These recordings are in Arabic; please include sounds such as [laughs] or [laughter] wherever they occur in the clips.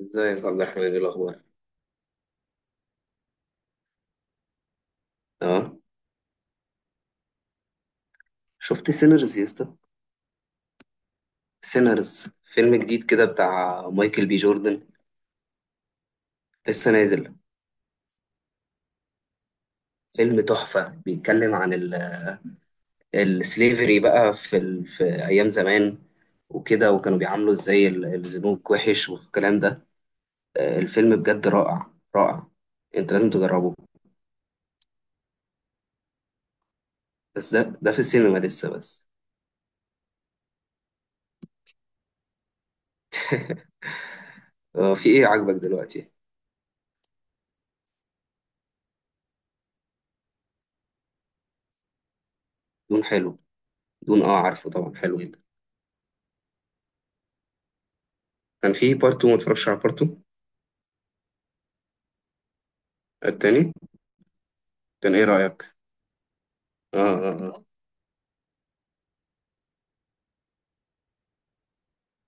ازيك يا عبد الرحمن، ايه الاخبار؟ تمام. شفت سينرز يا اسطى؟ سينرز فيلم جديد كده بتاع مايكل بي جوردن، لسه نازل. فيلم تحفة، بيتكلم عن السليفري بقى في ايام زمان وكده، وكانوا بيعاملوا ازاي الزنوج وحش والكلام ده. آه، الفيلم بجد رائع رائع، انت لازم تجربه. بس ده في السينما لسه بس. آه، في ايه عاجبك دلوقتي؟ دون حلو. دون اه عارفه طبعا، حلو جدا. كان في بارت 2، ما اتفرجش على بارت 2 التاني. كان ايه رأيك؟ آه آه آه.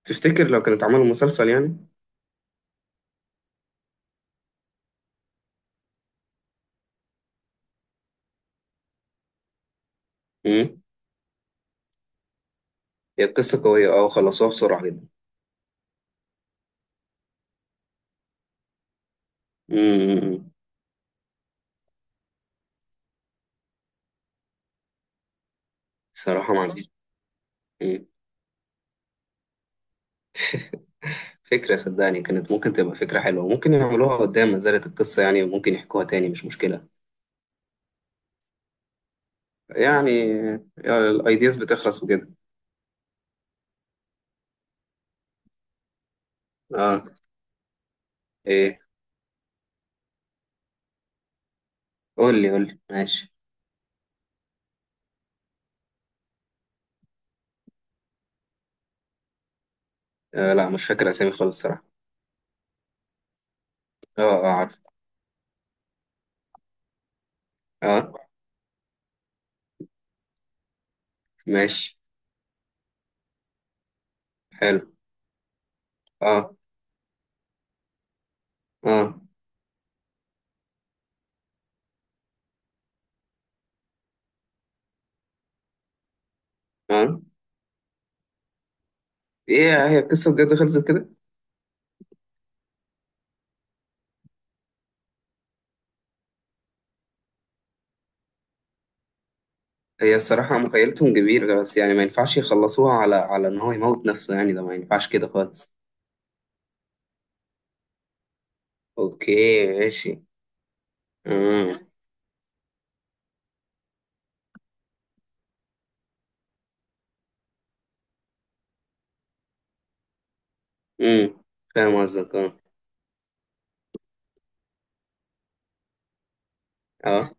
تفتكر لو كانت عملوا مسلسل يعني؟ امم هي القصة قوية اه، وخلصوها بسرعة جدا. امم صراحة ما عنديش. مم. فكرة، صدقني كانت ممكن تبقى فكرة حلوة، ممكن يعملوها قدام ما زالت القصة يعني، وممكن يحكوها تاني مش مشكلة يعني. آه، الايدياز بتخلص وكده. اه ايه؟ قول لي قول لي، ماشي. آه لا، مش فاكر اسامي خالص الصراحة. اه اه عارف. اه ماشي، حلو. اه اه اه. ايه هي القصة بجد خلصت كده؟ هي الصراحة مخيلتهم كبيرة، بس يعني ما ينفعش يخلصوها على على إن هو يموت نفسه، يعني ده ما ينفعش كده خالص. أوكي ماشي. أمم. أمم، فاهم قصدك أه. أه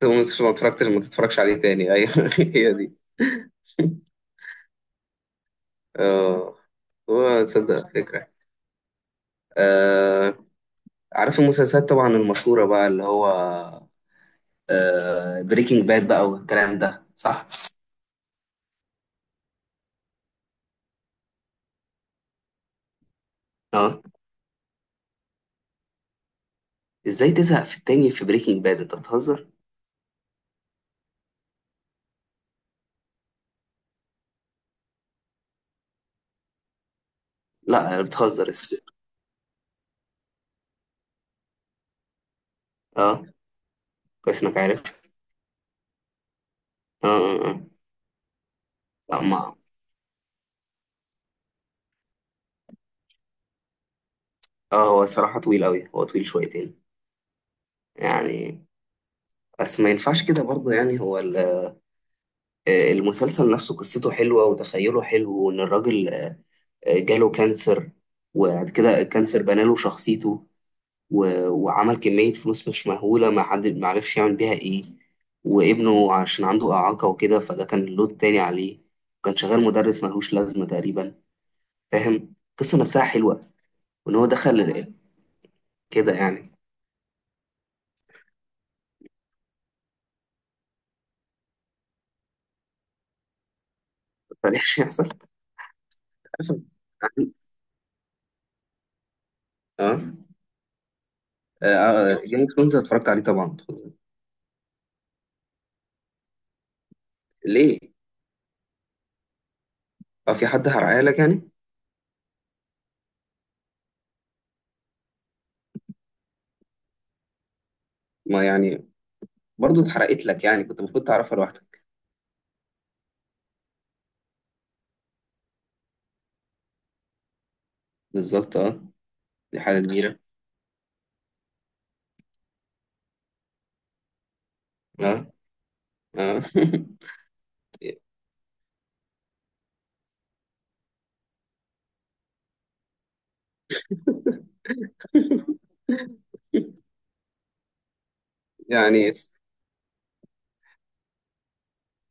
طب ما اتفرجتش، ما تتفرجش عليه تاني. أيوه [laughs] هي دي. أه. هو تصدق فكرة. أه عارف المسلسلات طبعا المشهورة بقى اللي هو أه بريكنج باد بقى والكلام ده، صح؟ أه. إزاي تزهق في التاني في بريكنج باد، أنت بتهزر؟ لا بتهزر أه كويس إنك عارف. اه اه اه. لا، ولا ما اه. هو الصراحة طويل أوي، هو طويل شويتين يعني. بس ما ينفعش كده برضه يعني، آه، المسلسل نفسه قصته حلوة، وتخيله حلو، وإن الراجل آه، جاله كانسر، وبعد كده الكانسر بناله شخصيته، وعمل كمية فلوس مش مهولة، ما حد ما عرفش يعمل بيها إيه، وابنه عشان عنده إعاقة وكده فده كان لود تاني عليه، وكان شغال مدرس ملهوش لازمة تقريبا. فاهم القصة نفسها حلوة، وإن هو دخل كده يعني. [laughs] بلاش يحصل. مثلا. اه. اه جيم اوف ثرونز اتفرجت عليه طبعا. ليه؟ اه، في حد حرقها لك يعني؟ ما يعني برضه اتحرقت لك يعني، كنت المفروض تعرفها لوحدك. بالظبط اه. دي حاجة كبيرة. اه. اه. [laughs] يعني.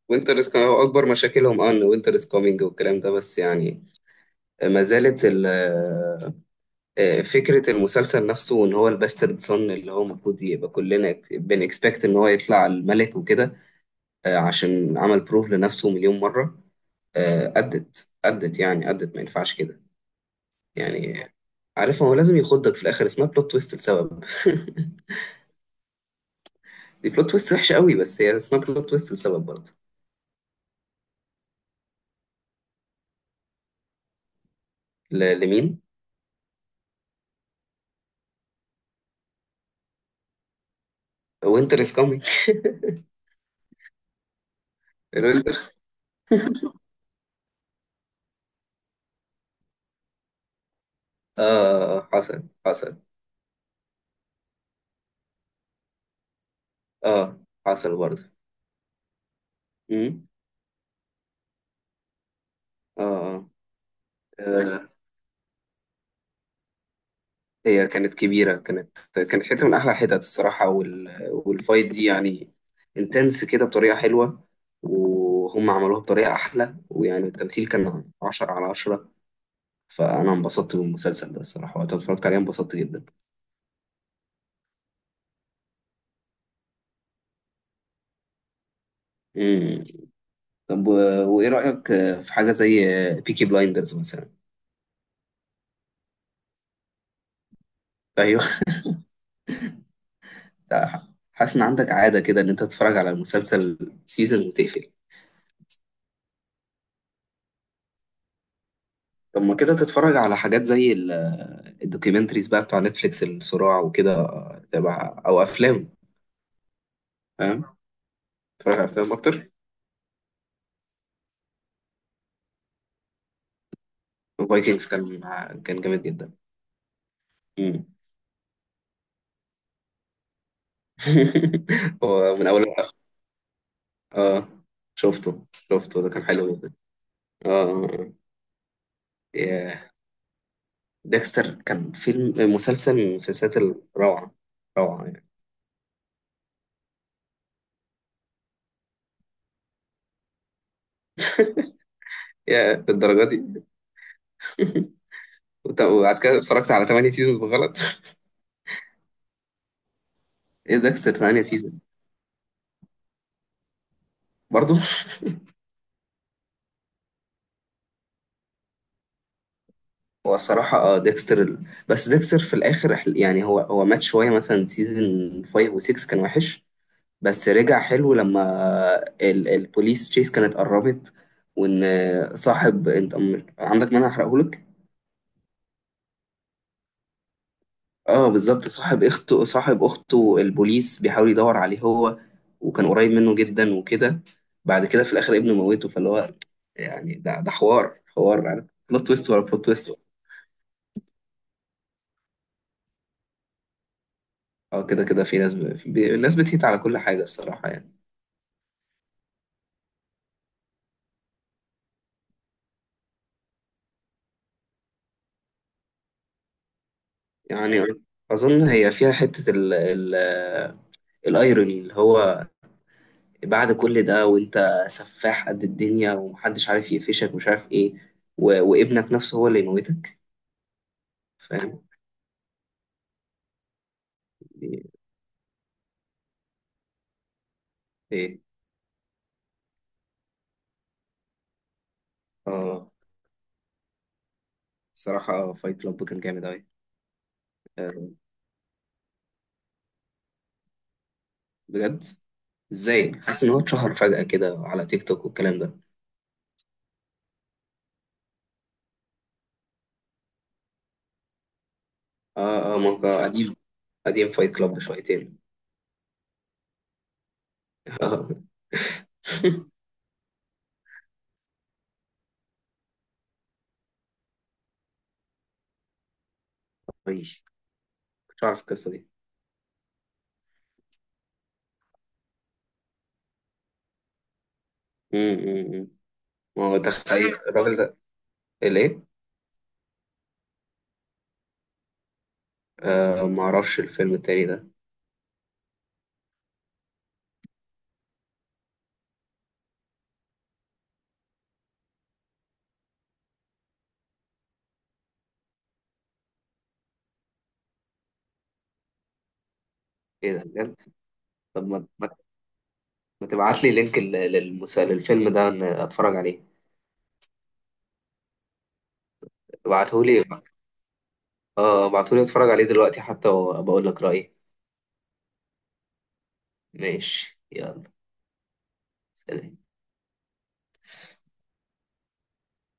وينتر از هو اكبر مشاكلهم اه، ان وينتر از كومينج والكلام ده، بس يعني ما زالت ال- آه، فكرة المسلسل نفسه ان هو الباسترد صن، اللي هو المفروض يبقى كلنا بنكسبكت ان هو يطلع الملك وكده، آه، عشان عمل بروف لنفسه مليون مرة. آه، أدت أدت يعني أدت، ما ينفعش كده يعني. عارف هو لازم يخضك في الآخر، اسمها بلوت تويست لسبب. [laughs] دي بلوت تويست وحشة قوي، بس هي اسمها بلوت تويست لسبب برضه. لمين؟ وينتر از كامينج. الوينتر. [laughs] آه آه، آه، حصل حصل. آه حصل برضه. أمم. آه آه. آه، هي كانت كبيرة، كانت حتة من أحلى حتت الصراحة، والفايت دي يعني انتنس كده بطريقة حلوة، وهم عملوها بطريقة أحلى، ويعني التمثيل كان عشرة على عشرة. فانا انبسطت بالمسلسل ده الصراحه، وقت ما اتفرجت عليه انبسطت جدا. امم. طب وايه رايك آه، في حاجه زي بيكي بلايندرز مثلا؟ ايوه. ده، حاسس ان عندك عاده كده ان انت تتفرج على المسلسل سيزون وتقفل. طب ما كده تتفرج على حاجات زي الدوكيومنتريز بقى بتوع نتفليكس، الصراع وكده آه، تبع او افلام. فاهم، تتفرج على افلام اكتر. فايكنجز كان كان جامد جدا. امم. [laughs] هو من اول. اه شفته، شفته ده كان حلو جدا. اه آه، آه. يا. ديكستر كان فيلم مسلسل من المسلسلات الروعة، روعة يعني. يا الدرجة دي. [laughs] وبعد كده اتفرجت على 8 سيزونز بالغلط. [laughs] ايه ديكستر 8 سيزون برضه. [laughs] هو الصراحة اه ديكستر بس ديكستر في الآخر يعني هو مات شوية، مثلا سيزون 5 و6 كان وحش، بس رجع حلو لما ال البوليس تشيس كانت قربت، وإن صاحب أنت عندك مانع أحرقهولك؟ اه بالظبط، صاحب اخته، صاحب اخته البوليس بيحاول يدور عليه هو، وكان قريب منه جدا وكده، بعد كده في الاخر ابنه موته، فاللي هو يعني ده ده حوار، حوار يعني بلوت تويست ورا بلوت تويست. اه كده كده في ناس الناس بتهيت على كل حاجة الصراحة يعني. يعني أظن هي فيها حتة الايروني، اللي هو بعد كل ده وانت سفاح قد الدنيا ومحدش عارف يقفشك مش عارف ايه، وابنك نفسه هو اللي يموتك. فاهم. دي- ايه. اه الصراحة فايت كلاب كان جامد أوي. آه، بجد؟ ازاي حاسس ان هو اتشهر فجأة كده على تيك توك والكلام ده. اه اه ما هو قديم. قديم فايت كلاب شويتين. آه. [laughs] ماشي. كنت عارف القصة دي. مم، مم، مم. ما هو تخيل الراجل ده الايه. آه ما اعرفش الفيلم التاني ده. ايه ده بجد؟ طب ما تبعت لي لينك للفيلم ده إن اتفرج عليه. ابعته لي. اه ابعته لي اتفرج عليه دلوقتي حتى، وبقول لك رأيي. ماشي يلا، سلام.